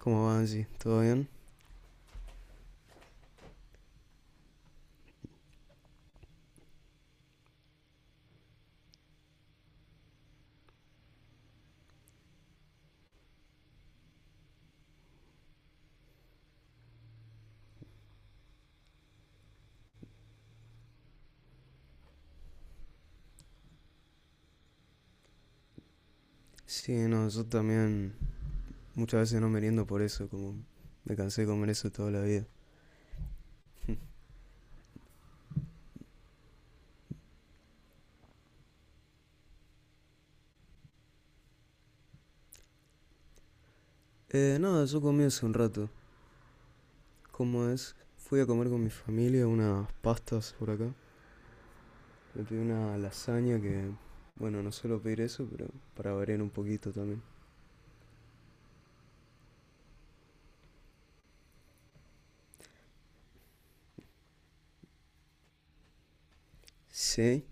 ¿Cómo va, Angie? ¿Todo bien? Sí, no, yo también muchas veces no meriendo por eso, como me cansé de comer eso toda la vida. Nada, Yo comí hace un rato. ¿Cómo es? Fui a comer con mi familia unas pastas por acá. Me pedí una lasaña que, bueno, no suelo pedir eso, pero para variar un poquito también. Sí,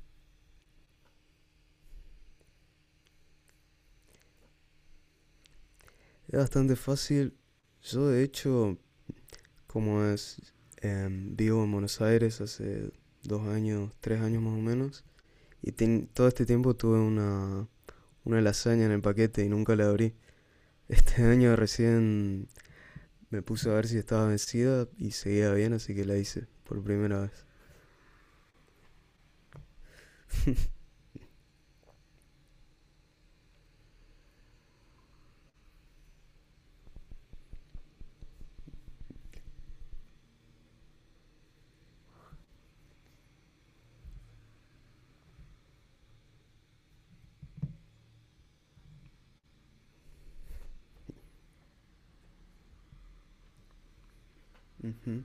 es bastante fácil. Yo, de hecho, como es, vivo en Buenos Aires hace 2 años, 3 años más o menos. Todo este tiempo tuve una lasaña en el paquete y nunca la abrí. Este año recién me puse a ver si estaba vencida y seguía bien, así que la hice por primera vez. Ujú.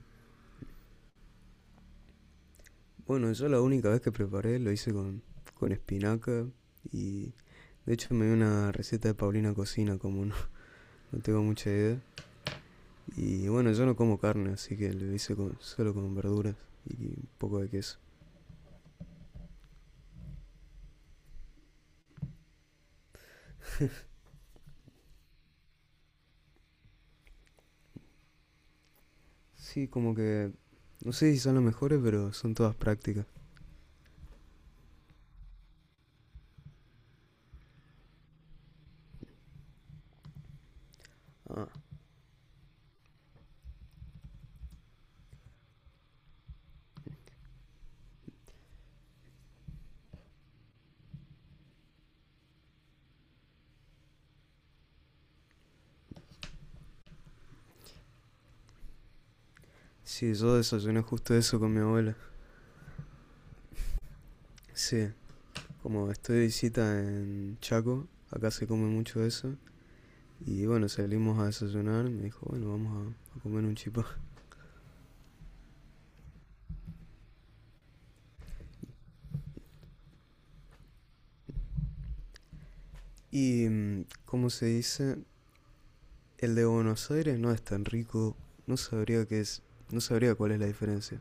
Bueno, yo la única vez que preparé lo hice con espinaca y de hecho me dio una receta de Paulina Cocina, como no, no tengo mucha idea. Y bueno, yo no como carne, así que solo con verduras y un poco de queso. Sí, como que no sé si son las mejores, pero son todas prácticas. Ah, sí, yo desayuné justo eso con mi abuela. Sí, como estoy de visita en Chaco, acá se come mucho eso. Y bueno, salimos a desayunar, me dijo, bueno, vamos a comer un chipá. Y, ¿cómo se dice? El de Buenos Aires no es tan rico, no sabría qué es, no sabría cuál es la diferencia.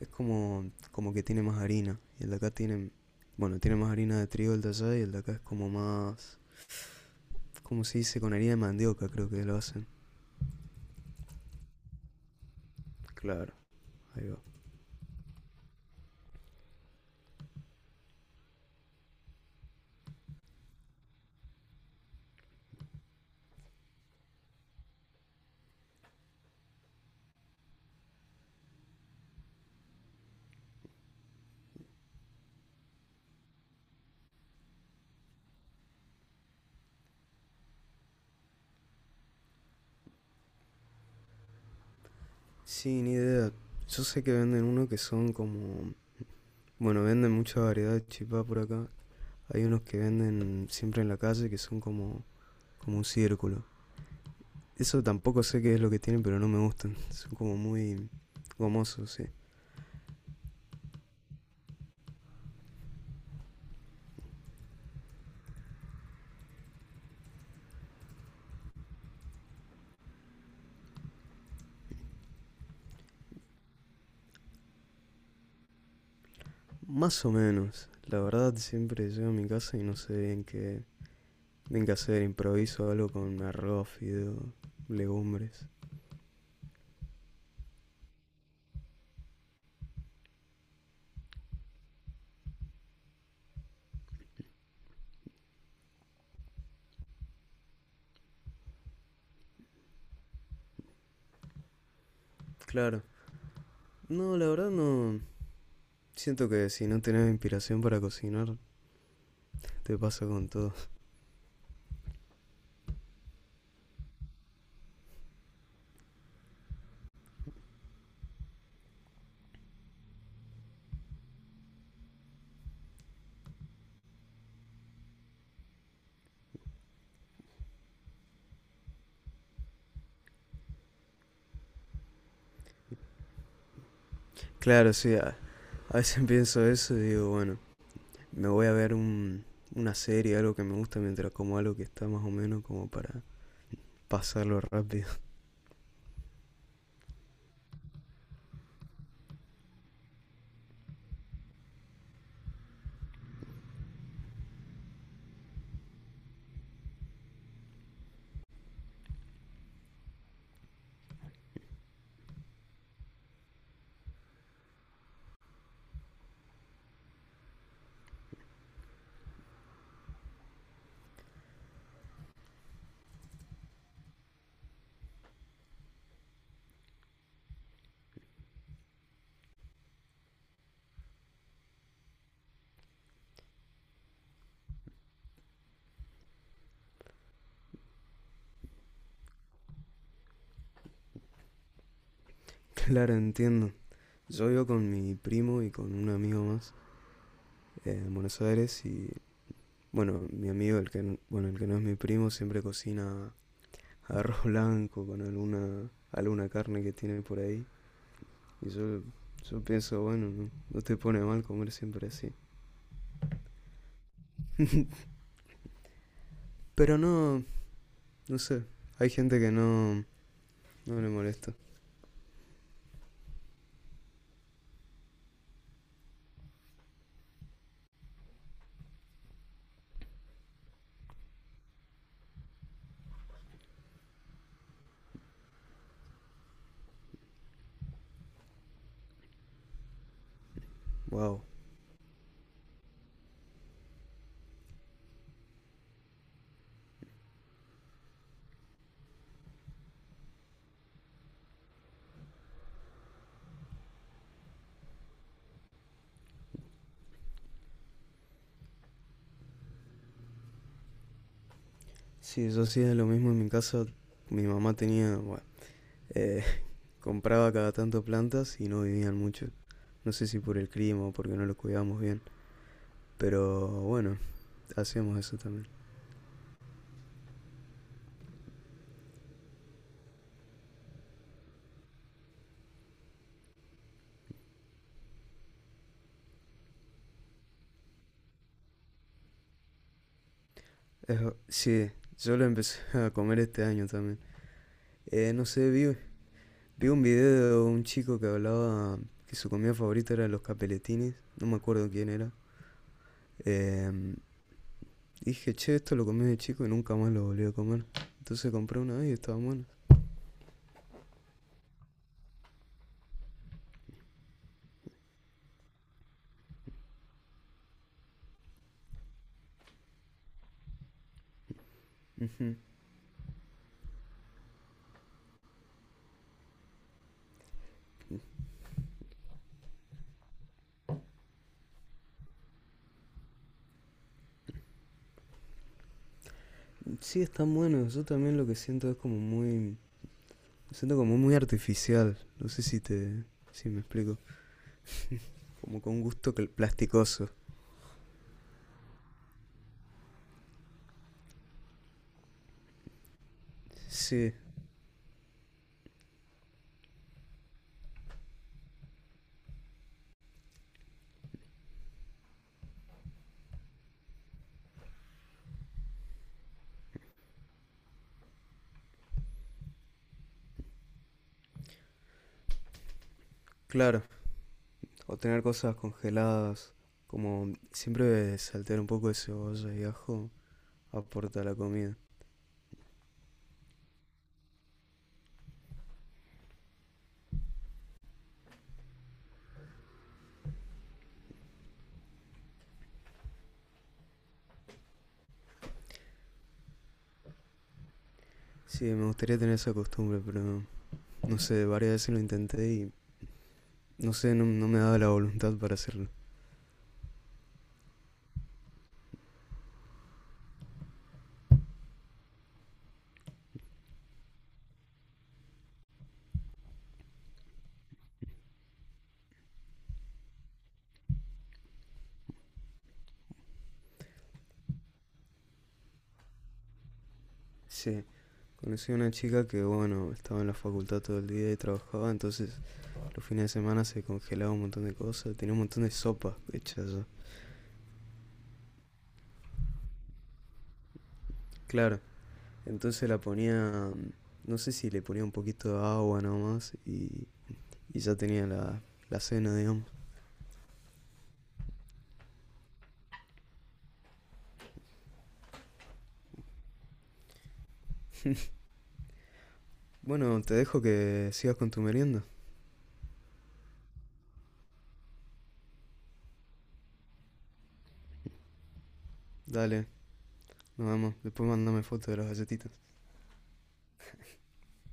Es como, como que tiene más harina, y el de acá tiene, bueno, tiene más harina de trigo el de allá, y el de acá es como más, ¿cómo se dice? Con harina de mandioca creo que lo hacen. Claro, ahí va. Sí, ni idea. Yo sé que venden uno que son como... Bueno, venden mucha variedad de chipá por acá. Hay unos que venden siempre en la calle que son como, como un círculo. Eso tampoco sé qué es lo que tienen, pero no me gustan. Son como muy gomosos, sí. Más o menos. La verdad, siempre llego a mi casa y no sé bien qué hacer. Improviso algo con arroz, fideo, legumbres. Claro. No, la verdad no... Siento que si no tenés inspiración para cocinar, te pasa con todo. Claro, a veces pienso eso y digo, bueno, me voy a ver un, una serie, algo que me gusta, mientras como algo que está más o menos como para pasarlo rápido. Claro, entiendo. Yo vivo con mi primo y con un amigo más en Buenos Aires y, bueno, mi amigo, bueno, el que no es mi primo, siempre cocina arroz blanco con alguna carne que tiene por ahí. Y yo, yo pienso, bueno, no, no te pone mal comer siempre así. Pero no, no sé, hay gente que no, no le molesta. Wow. Sí, yo hacía lo mismo en mi casa. Mi mamá tenía, bueno, eh, compraba cada tanto plantas y no vivían mucho. No sé si por el clima o porque no lo cuidábamos bien. Pero bueno, hacíamos eso también. Eso- sí, yo lo empecé a comer este año también. No sé, vi un video de un chico que hablaba que su comida favorita era los capeletines. No me acuerdo quién era. Em, Dije, che, esto lo comí de chico y nunca más lo volví a comer. Entonces compré una vez y estaban buenos. Ujú. Sí, están buenos. Yo también lo que siento es como muy. Siento como muy artificial. No sé si te. Si me explico. Como con gusto cl- plasticoso. Sí, claro. O tener cosas congeladas. Como siempre saltear un poco de cebolla y ajo aporta a la comida. Sí, me gustaría tener esa costumbre, pero no, no sé, varias veces lo intenté y no sé, no, no me daba la voluntad para hacerlo. Sí. Conocí a una chica que, bueno, estaba en la facultad todo el día y trabajaba, entonces los fines de semana se congelaba un montón de cosas, tenía un montón de sopas hechas ya. Claro, entonces la ponía, no sé si le ponía un poquito de agua nomás y ya tenía la, la cena, digamos. Bueno, te dejo que sigas con tu merienda. Dale, nos vemos. Después mandame fotos de las galletitas.